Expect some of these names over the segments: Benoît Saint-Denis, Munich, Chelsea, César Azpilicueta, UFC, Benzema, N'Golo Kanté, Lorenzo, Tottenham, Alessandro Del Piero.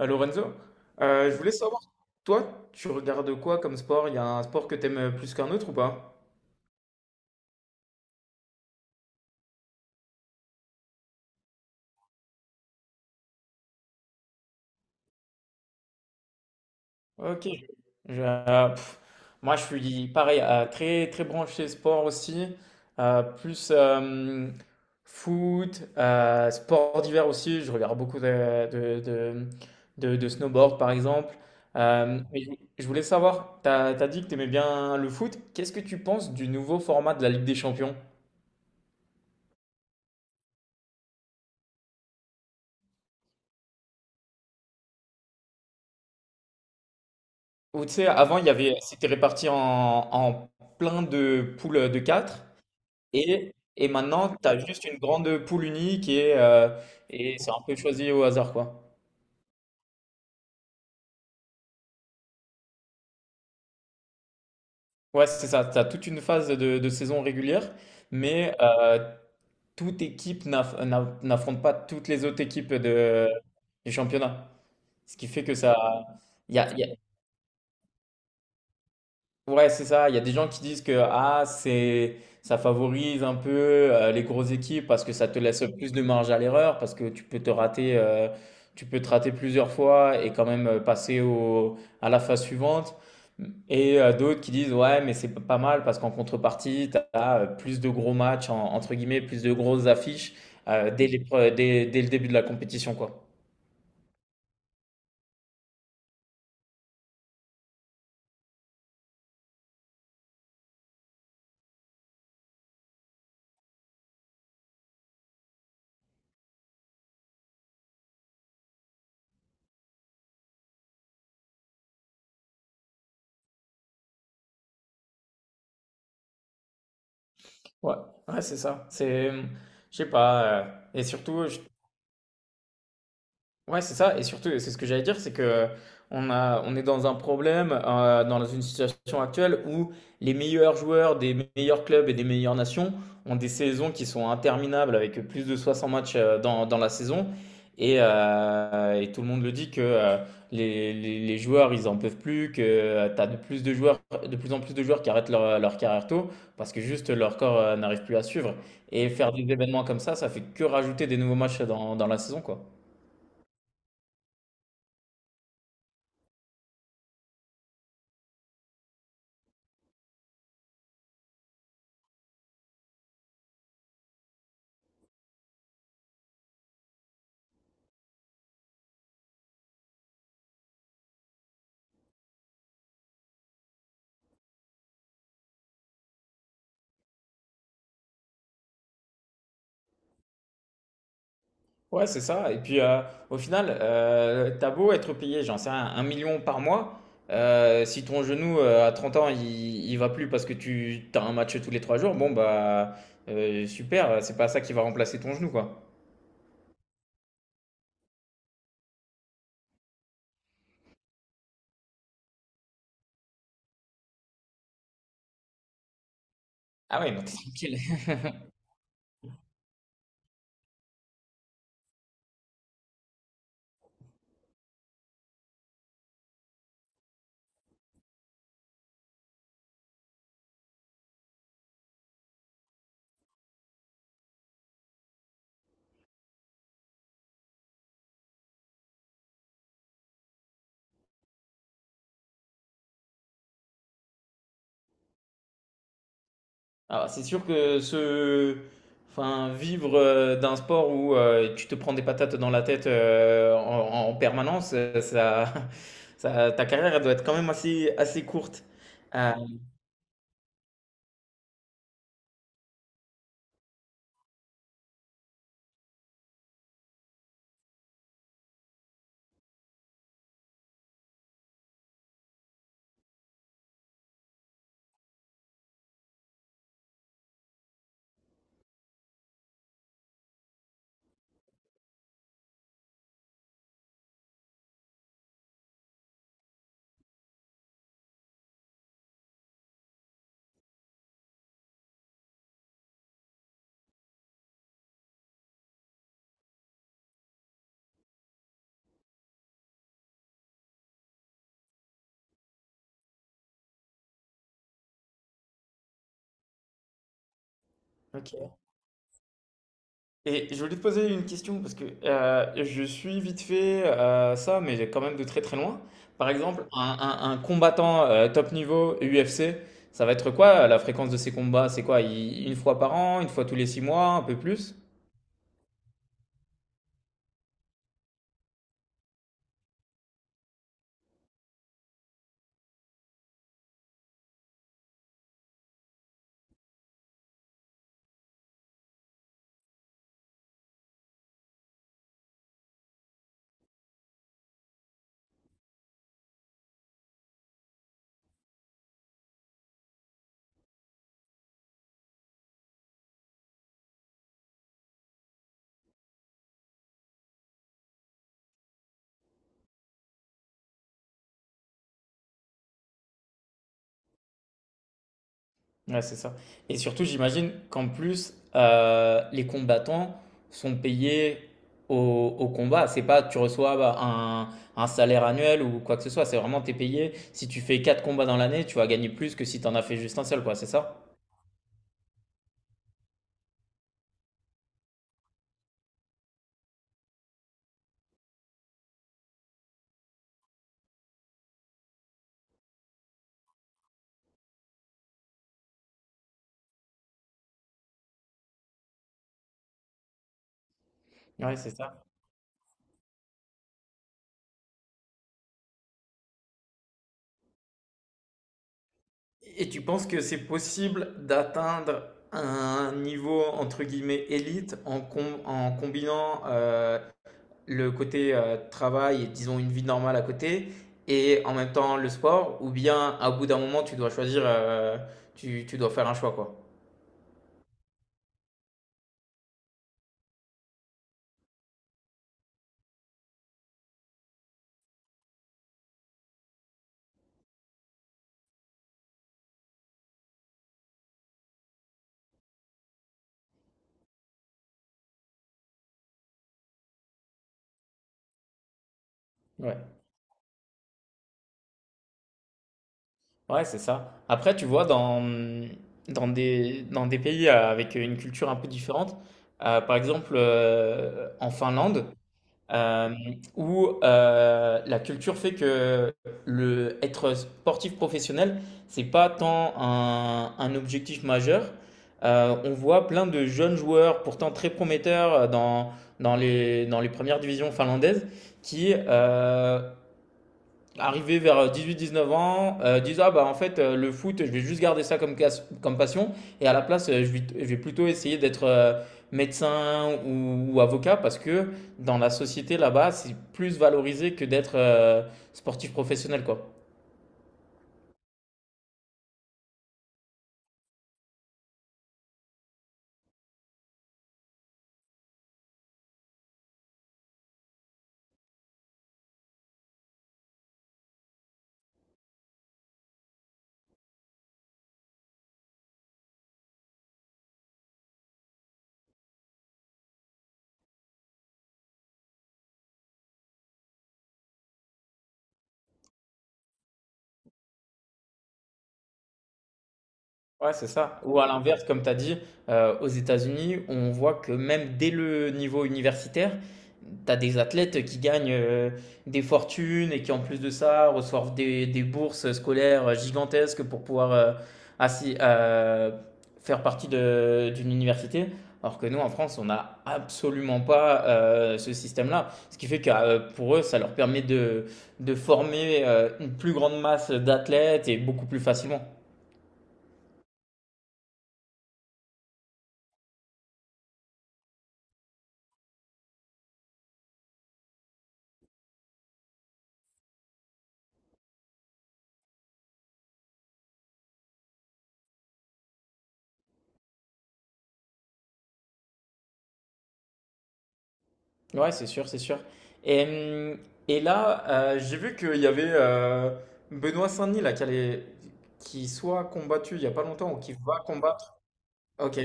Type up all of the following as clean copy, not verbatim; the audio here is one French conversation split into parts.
Lorenzo, je voulais savoir, toi, tu regardes quoi comme sport? Il y a un sport que t'aimes plus qu'un autre ou pas? Ok. Je- euh, pff, Moi, je suis pareil, très très branché sport aussi, plus foot, sport d'hiver aussi. Je regarde beaucoup de snowboard par exemple. Mais je voulais savoir, t'as dit que t'aimais bien le foot. Qu'est-ce que tu penses du nouveau format de la Ligue des Champions? Ou tu sais, avant, il y avait, c'était réparti en plein de poules de quatre. Et maintenant, tu as juste une grande poule unique et c'est un peu choisi au hasard, quoi. Ouais, c'est ça. Tu as toute une phase de saison régulière, mais toute équipe n'affronte pas toutes les autres équipes du championnat. Ce qui fait que ça. Il y a. Ouais, c'est ça. Il y a des gens qui disent que ah, c'est ça favorise un peu les grosses équipes parce que ça te laisse plus de marge à l'erreur, parce que tu peux te rater plusieurs fois et quand même passer à la phase suivante. Et d'autres qui disent ouais, mais c'est pas mal parce qu'en contrepartie, tu as plus de gros matchs, entre guillemets, plus de grosses affiches dès les pre- dès, dès le début de la compétition, quoi. Ouais, ouais, c'est ça. Je sais pas. Et surtout, je Ouais, c'est ça. Et surtout, c'est ce que j'allais dire, c'est que on est dans un problème, dans une situation actuelle où les meilleurs joueurs des meilleurs clubs et des meilleures nations ont des saisons qui sont interminables avec plus de 60 matchs dans la saison. Et tout le monde le dit que les joueurs, ils en peuvent plus, que tu as de plus de joueurs, de plus en plus de joueurs qui arrêtent leur carrière tôt parce que juste leur corps n'arrive plus à suivre. Et faire des événements comme ça fait que rajouter des nouveaux matchs dans la saison, quoi. Ouais, c'est ça. Et puis, au final, t'as beau être payé, j'en sais rien, 1 million par mois, si ton genou à 30 ans, il va plus parce que tu as un match tous les 3 jours, bon, bah, super, c'est pas ça qui va remplacer ton genou, quoi. Ah ouais, non, t'es tranquille. Alors, c'est sûr Enfin, vivre d'un sport où tu te prends des patates dans la tête en permanence, ça, ta carrière elle doit être quand même assez courte. Euh, ok. Et je voulais te poser une question parce que je suis vite fait ça, mais j'ai quand même de très très loin. Par exemple, un combattant top niveau UFC, ça va être quoi la fréquence de ses combats? C'est quoi? Une fois par an, une fois tous les 6 mois, un peu plus? Ouais, c'est ça. Et surtout, j'imagine qu'en plus, les combattants sont payés au combat. C'est pas tu reçois bah, un salaire annuel ou quoi que ce soit. C'est vraiment t'es payé. Si tu fais 4 combats dans l'année, tu vas gagner plus que si t'en as fait juste un seul, quoi. C'est ça? Ouais, c'est ça. Et tu penses que c'est possible d'atteindre un niveau entre guillemets élite en combinant le côté travail et disons une vie normale à côté et en même temps le sport ou bien à bout d'un moment tu dois choisir, tu dois faire un choix quoi. Ouais, ouais, c'est ça. Après, tu vois, dans des pays avec une culture un peu différente, par exemple en Finlande. Euh, Où la culture fait que le être sportif professionnel, c'est pas tant un objectif majeur. On voit plein de jeunes joueurs, pourtant très prometteurs dans les premières divisions finlandaises, qui arrivé vers 18-19 ans, disant ah bah en fait le foot, je vais juste garder ça comme passion, et à la place je vais plutôt essayer d'être médecin ou avocat parce que dans la société là-bas c'est plus valorisé que d'être sportif professionnel quoi. Ouais, c'est ça. Ou à l'inverse, comme tu as dit, aux États-Unis, on voit que même dès le niveau universitaire, tu as des athlètes qui gagnent des fortunes et qui, en plus de ça, reçoivent des bourses scolaires gigantesques pour pouvoir, assi faire partie de d'une université. Alors que nous, en France, on n'a absolument pas, ce système-là. Ce qui fait que, pour eux, ça leur permet de former, une plus grande masse d'athlètes et beaucoup plus facilement. Ouais, c'est sûr, c'est sûr. Et, hum, et là, j'ai vu qu'il y avait Benoît Saint-Denis là, qui soit combattu il y a pas longtemps ou qui va combattre. Ok.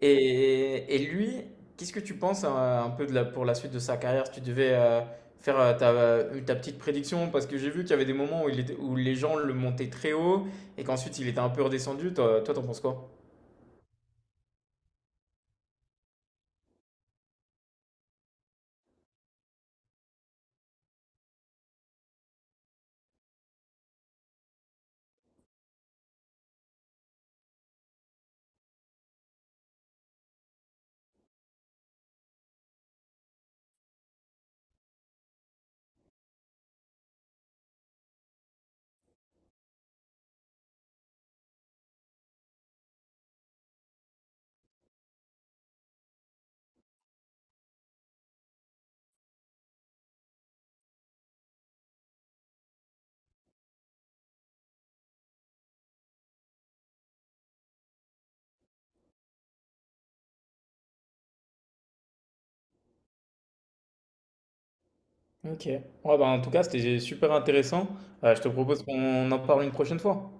Et lui, qu'est-ce que tu penses un peu pour la suite de sa carrière? Si tu devais faire ta petite prédiction, parce que j'ai vu qu'il y avait des moments où les gens le montaient très haut et qu'ensuite il était un peu redescendu. Toi, toi, t'en penses quoi? Ok. Ouais, bah, en tout cas, c'était super intéressant. Je te propose qu'on en parle une prochaine fois.